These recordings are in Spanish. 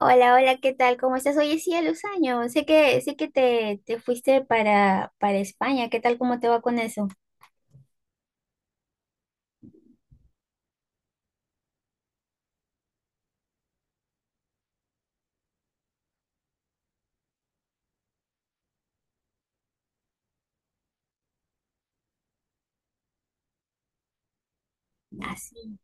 Hola, hola, ¿qué tal? ¿Cómo estás? Oye, sí, a los años. Sé que te fuiste para España. ¿Qué tal? ¿Cómo te va con eso? Así,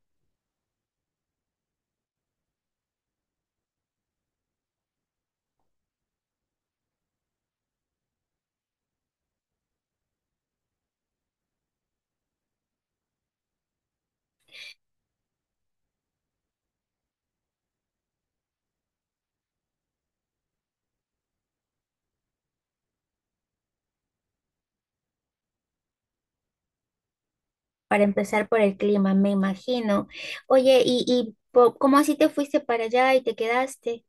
para empezar por el clima, me imagino. Oye, ¿ cómo así te fuiste para allá y te quedaste?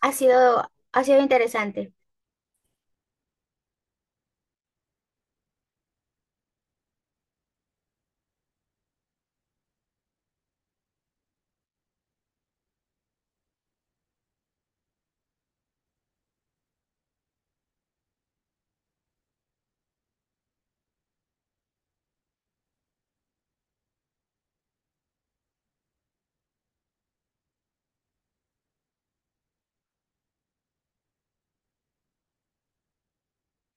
Ha sido interesante.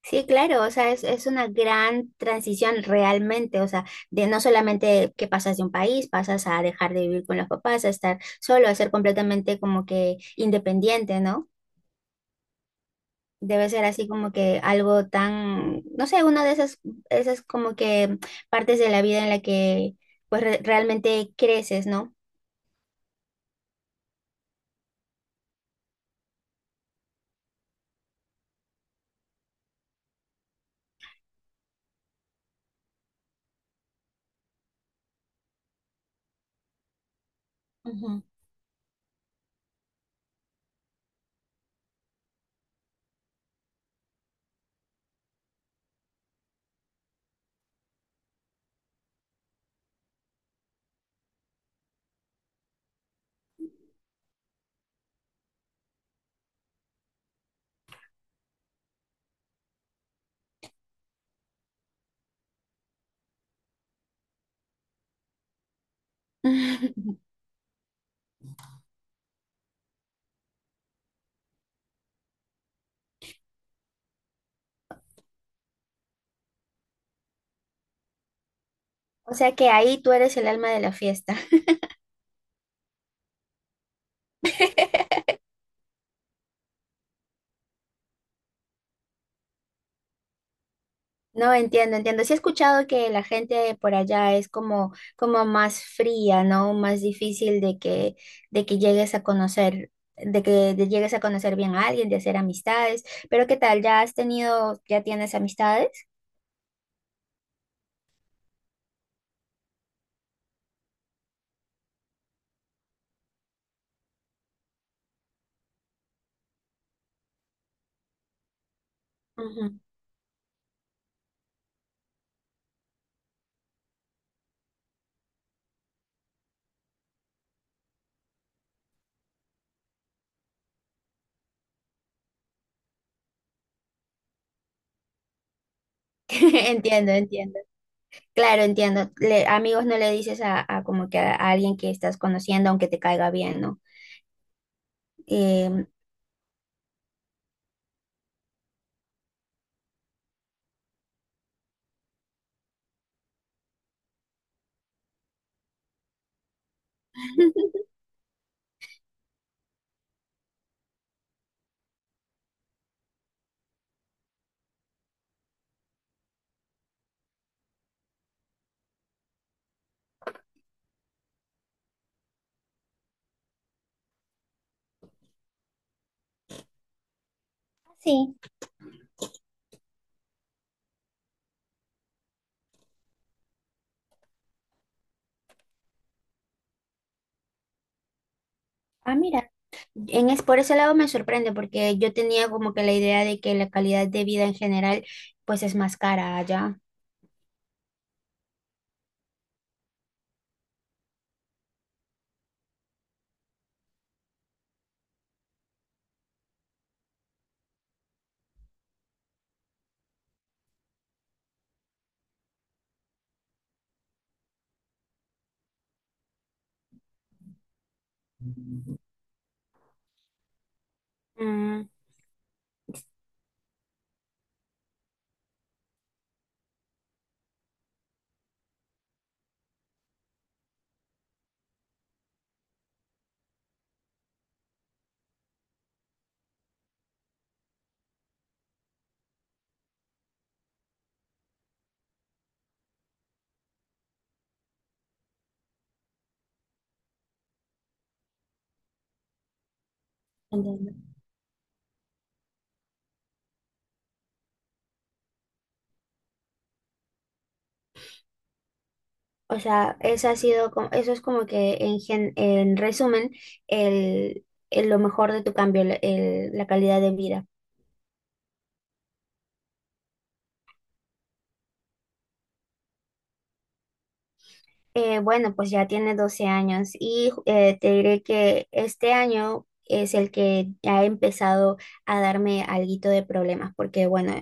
Sí, claro, o sea, es una gran transición realmente, o sea, de no solamente que pasas de un país, pasas a dejar de vivir con los papás, a estar solo, a ser completamente como que independiente, ¿no? Debe ser así como que algo tan, no sé, una de esas, esas como que partes de la vida en la que pues realmente creces, ¿no? Ujú. O sea que ahí tú eres el alma de la fiesta. No entiendo, entiendo. Sí he escuchado que la gente por allá es como, como más fría, ¿no? Más difícil de que llegues a conocer, de que llegues a conocer bien a alguien, de hacer amistades. Pero ¿qué tal? ¿Ya has tenido, ya tienes amistades? Ujú. Entiendo, entiendo. Claro, entiendo. Amigos no le dices a como que a alguien que estás conociendo, aunque te caiga bien, ¿no? Em, sí. Ah, mira. En es, por ese lado me sorprende, porque yo tenía como que la idea de que la calidad de vida en general, pues es más cara allá. Mm, entiendo. O sea, eso ha sido como, eso es como que en resumen, el, lo mejor de tu cambio, la calidad de vida. Bueno, pues ya tiene 12 años y te diré que este año es el que ha empezado a darme alguito de problemas, porque bueno,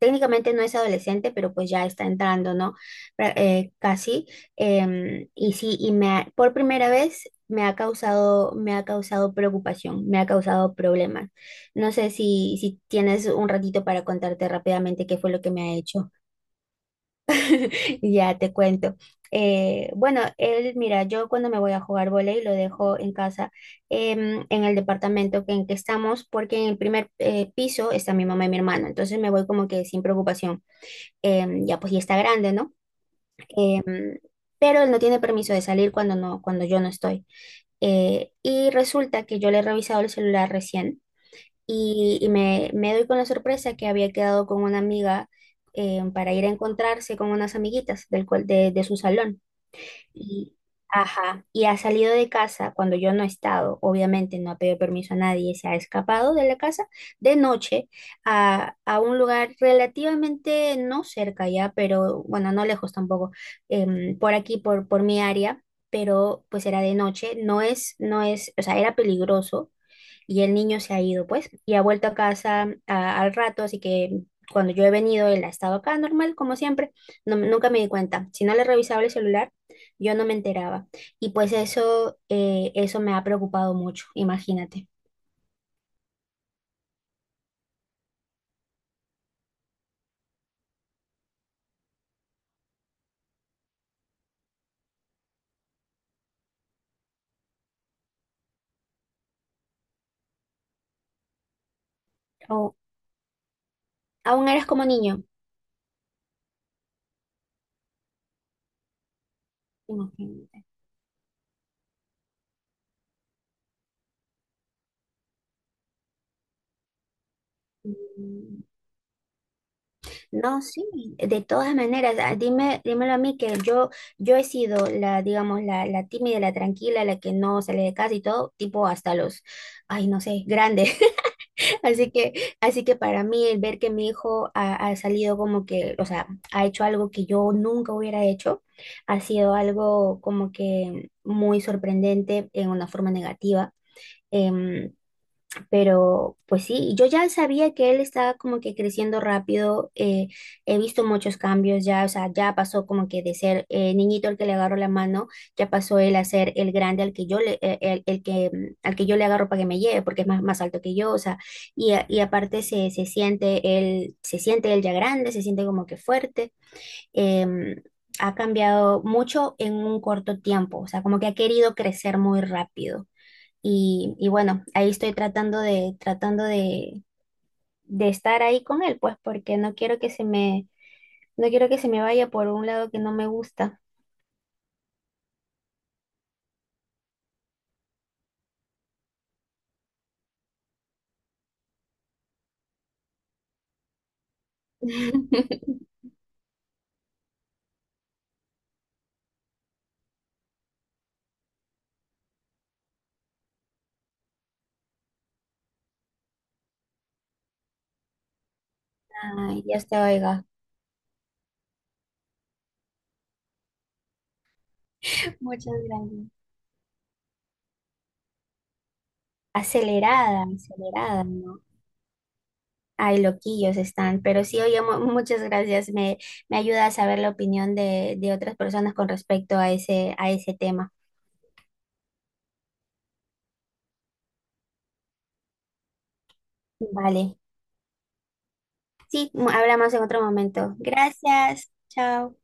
técnicamente no es adolescente, pero pues ya está entrando, ¿no? Casi. Em, y sí, por primera vez me ha causado preocupación, me ha causado problemas. No sé si tienes un ratito para contarte rápidamente qué fue lo que me ha hecho. Ya te cuento. Bueno, él, mira, yo cuando me voy a jugar vóley lo dejo en casa, em, en el departamento que, en que estamos, porque en el primer piso está mi mamá y mi hermano, entonces me voy como que sin preocupación. Em, ya pues ya está grande, ¿no? Em, pero él no tiene permiso de salir cuando no, cuando yo no estoy. Y resulta que yo le he revisado el celular recién y me doy con la sorpresa que había quedado con una amiga para ir a encontrarse con unas amiguitas de su salón. Y, ajá, y ha salido de casa cuando yo no he estado, obviamente no ha pedido permiso a nadie, se ha escapado de la casa de noche a un lugar relativamente no cerca ya, pero bueno, no lejos tampoco, em, por aquí, por mi área, pero pues era de noche, no es, no es, o sea, era peligroso y el niño se ha ido, pues, y ha vuelto a casa al rato, así que cuando yo he venido, él ha estado acá normal, como siempre, no, nunca me di cuenta. Si no le revisaba el celular, yo no me enteraba. Y pues eso, eso me ha preocupado mucho, imagínate. O- Aún eres como niño. Imagínate. Mm. No, sí, de todas maneras, ah, dime, dímelo a mí que yo he sido la, digamos, la tímida, la tranquila, la que no sale de casa y todo, tipo hasta los, ay, no sé, grandes. Así que, así que para mí el ver que mi hijo ha, ha salido como que, o sea, ha hecho algo que yo nunca hubiera hecho, ha sido algo como que muy sorprendente en una forma negativa. Em, pero pues sí, yo ya sabía que él estaba como que creciendo rápido, he visto muchos cambios ya, o sea, ya pasó como que de ser niñito al que le agarro la mano, ya pasó él a ser el grande al que yo le, el que, mm, al que yo le agarro para que me lleve, porque es más, más alto que yo, o sea, y aparte se siente él ya grande, se siente como que fuerte, em, ha cambiado mucho en un corto tiempo, o sea, como que ha querido crecer muy rápido. Y bueno, ahí estoy tratando de estar ahí con él, pues, porque no quiero que se me, no quiero que se me vaya por un lado que no me gusta. Ay, ya se oiga. Muchas gracias. Acelerada, acelerada, ¿no? Ay, loquillos están, pero sí, oye, muchas gracias. Me ayuda a saber la opinión de otras personas con respecto a ese tema. Vale. Sí, hablamos en otro momento. Gracias. Chao.